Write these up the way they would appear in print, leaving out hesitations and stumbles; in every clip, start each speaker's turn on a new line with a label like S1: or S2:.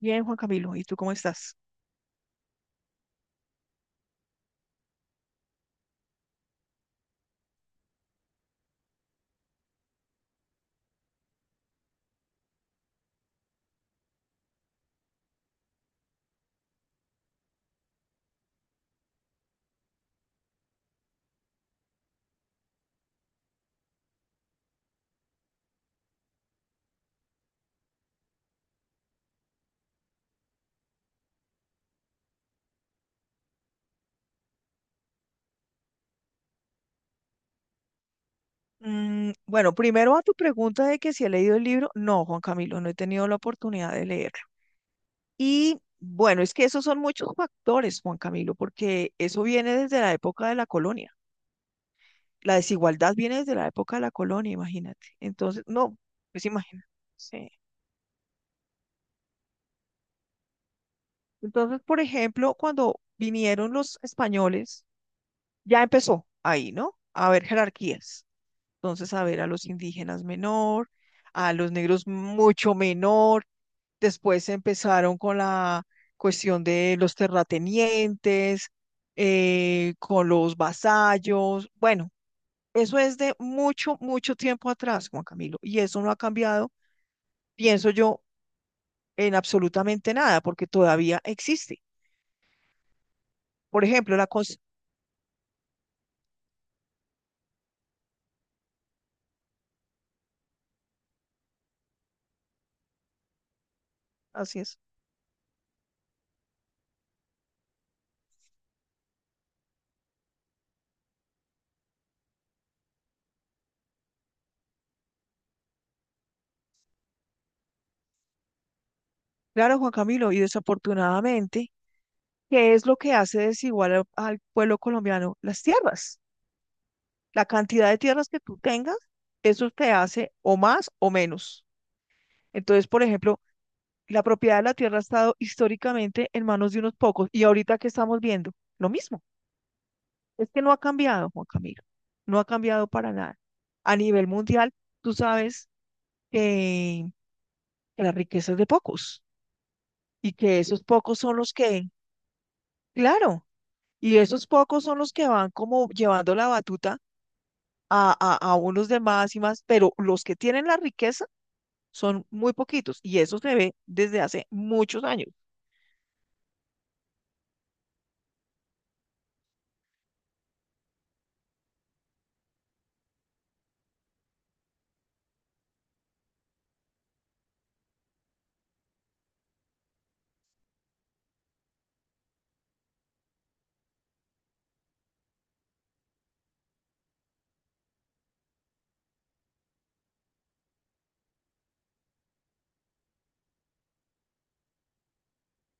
S1: Bien, Juan Camilo, ¿y tú cómo estás? Bueno, primero a tu pregunta de que si he leído el libro. No, Juan Camilo, no he tenido la oportunidad de leerlo. Y bueno, es que esos son muchos factores, Juan Camilo, porque eso viene desde la época de la colonia. La desigualdad viene desde la época de la colonia, imagínate. Entonces, no, pues imagínate. Sí. Entonces, por ejemplo, cuando vinieron los españoles, ya empezó ahí, ¿no? A haber jerarquías. Entonces, a ver, a los indígenas menor, a los negros mucho menor. Después empezaron con la cuestión de los terratenientes, con los vasallos. Bueno, eso es de mucho, mucho tiempo atrás, Juan Camilo, y eso no ha cambiado, pienso yo, en absolutamente nada, porque todavía existe. Por ejemplo, la cosa, así es. Claro, Juan Camilo, y desafortunadamente, ¿qué es lo que hace desigual al pueblo colombiano? Las tierras. La cantidad de tierras que tú tengas, eso te hace o más o menos. Entonces, por ejemplo, la propiedad de la tierra ha estado históricamente en manos de unos pocos y ahorita que estamos viendo, lo mismo. Es que no ha cambiado, Juan Camilo. No ha cambiado para nada. A nivel mundial, tú sabes que, que la riqueza es de pocos y que esos pocos son los que, claro, y esos pocos son los que van como llevando la batuta a unos demás y más, pero los que tienen la riqueza son muy poquitos y eso se ve desde hace muchos años.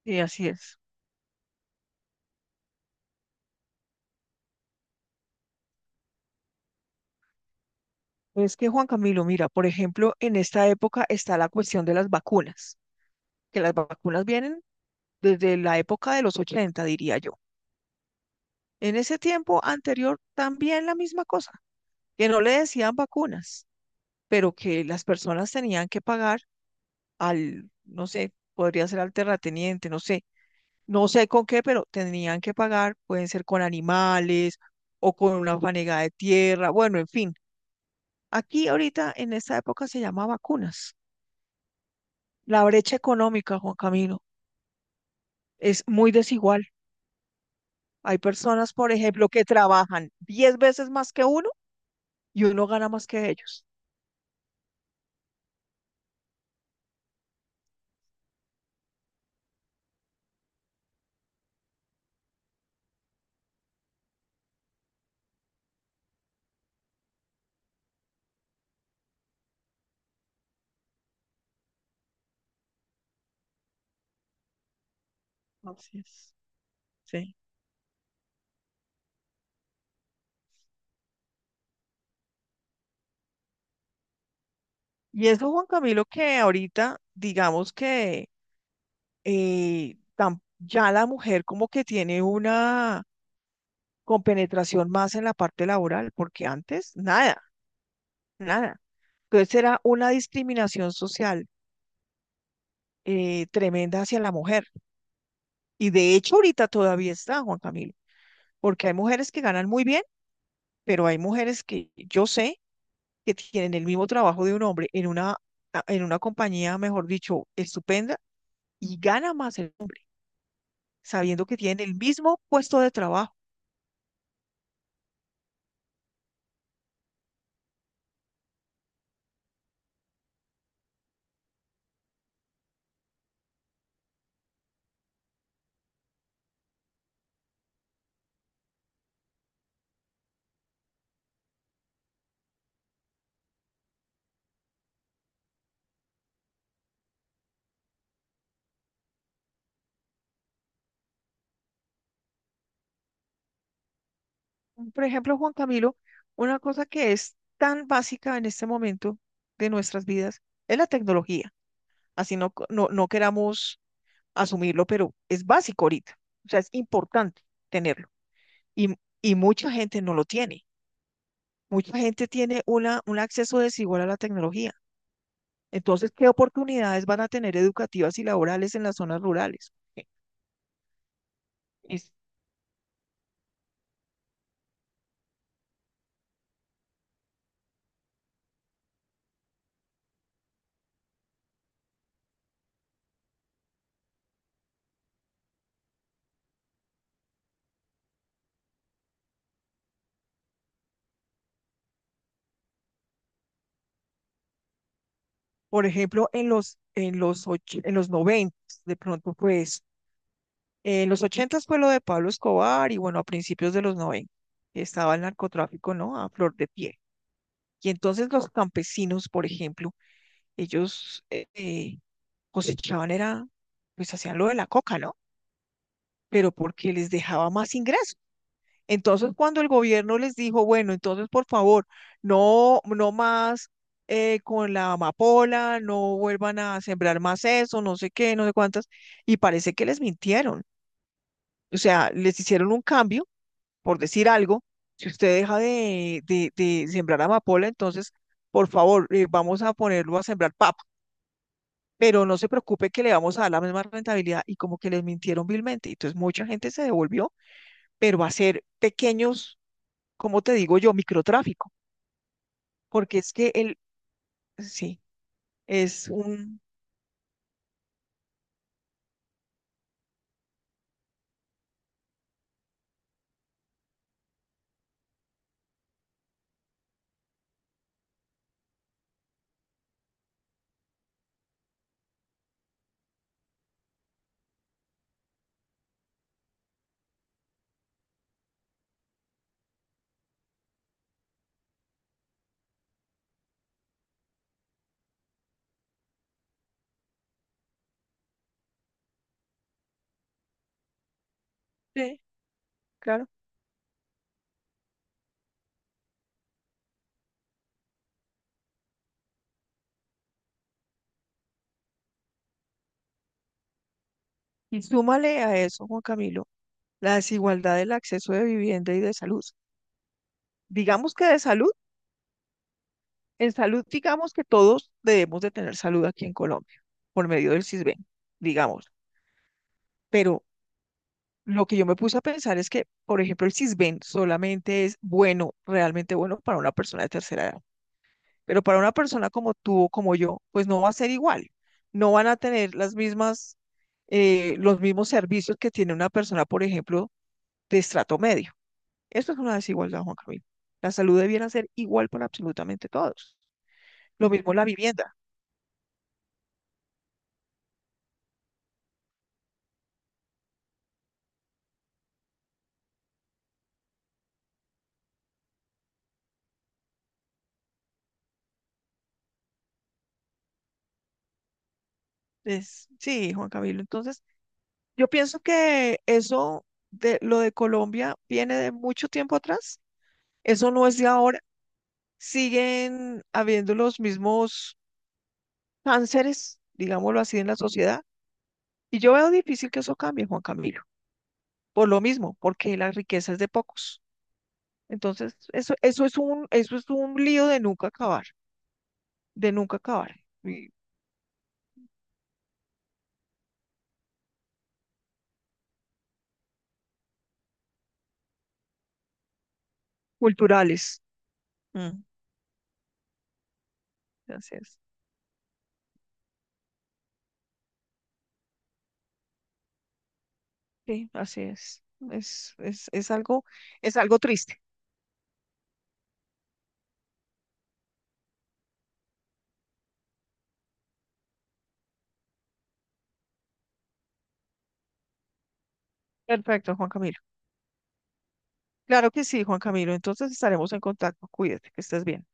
S1: Y así es. Es que Juan Camilo, mira, por ejemplo, en esta época está la cuestión de las vacunas, que las vacunas vienen desde la época de los 80 diría yo. En ese tiempo anterior también la misma cosa, que no le decían vacunas, pero que las personas tenían que pagar al, no sé, podría ser al terrateniente, no sé, no sé con qué, pero tendrían que pagar, pueden ser con animales o con una fanega de tierra, bueno, en fin. Aquí ahorita en esta época se llama vacunas. La brecha económica, Juan Camilo, es muy desigual. Hay personas, por ejemplo, que trabajan 10 veces más que uno y uno gana más que ellos. Así es. Sí. Y eso, Juan Camilo, que ahorita digamos que ya la mujer como que tiene una con penetración más en la parte laboral, porque antes nada, nada. Entonces era una discriminación social tremenda hacia la mujer. Y de hecho ahorita todavía está, Juan Camilo, porque hay mujeres que ganan muy bien, pero hay mujeres que yo sé que tienen el mismo trabajo de un hombre en una compañía, mejor dicho, estupenda, y gana más el hombre, sabiendo que tienen el mismo puesto de trabajo. Por ejemplo, Juan Camilo, una cosa que es tan básica en este momento de nuestras vidas es la tecnología. Así no, no, no queramos asumirlo, pero es básico ahorita. O sea, es importante tenerlo. Y, y mucha gente no lo tiene. Mucha gente tiene un acceso desigual a la tecnología. Entonces, ¿qué oportunidades van a tener educativas y laborales en las zonas rurales? Es- por ejemplo, en los 90 de pronto, pues en los ochentas fue lo de Pablo Escobar y bueno, a principios de los noventa estaba el narcotráfico, ¿no? A flor de pie. Y entonces los campesinos, por ejemplo, ellos cosechaban, era, pues hacían lo de la coca, ¿no? Pero porque les dejaba más ingreso. Entonces cuando el gobierno les dijo, bueno, entonces por favor, no, no más con la amapola, no vuelvan a sembrar más eso, no sé qué, no sé cuántas, y parece que les mintieron. O sea, les hicieron un cambio por decir algo, si usted deja de, de sembrar amapola, entonces, por favor, vamos a ponerlo a sembrar papa, pero no se preocupe que le vamos a dar la misma rentabilidad y como que les mintieron vilmente. Entonces, mucha gente se devolvió, pero va a ser pequeños, como te digo yo, microtráfico, porque es que el, sí, es un, sí, claro. Y súmale a eso, Juan Camilo, la desigualdad del acceso de vivienda y de salud. Digamos que de salud. En salud, digamos que todos debemos de tener salud aquí en Colombia, por medio del CISBEN, digamos. Pero lo que yo me puse a pensar es que, por ejemplo, el CISBEN solamente es bueno, realmente bueno para una persona de tercera edad. Pero para una persona como tú o como yo, pues no va a ser igual. No van a tener las mismas, los mismos servicios que tiene una persona, por ejemplo, de estrato medio. Esto es una desigualdad, Juan Camilo. La salud debiera ser igual para absolutamente todos. Lo mismo la vivienda. Sí, Juan Camilo. Entonces, yo pienso que eso de lo de Colombia viene de mucho tiempo atrás. Eso no es de ahora. Siguen habiendo los mismos cánceres, digámoslo así, en la sociedad. Y yo veo difícil que eso cambie, Juan Camilo. Por lo mismo, porque la riqueza es de pocos. Entonces, eso, eso es un lío de nunca acabar, de nunca acabar. Y culturales. Mm, así es. Sí, así es. Es, es, es algo, es algo triste. Perfecto, Juan Camilo. Claro que sí, Juan Camilo. Entonces estaremos en contacto. Cuídate, que estés bien.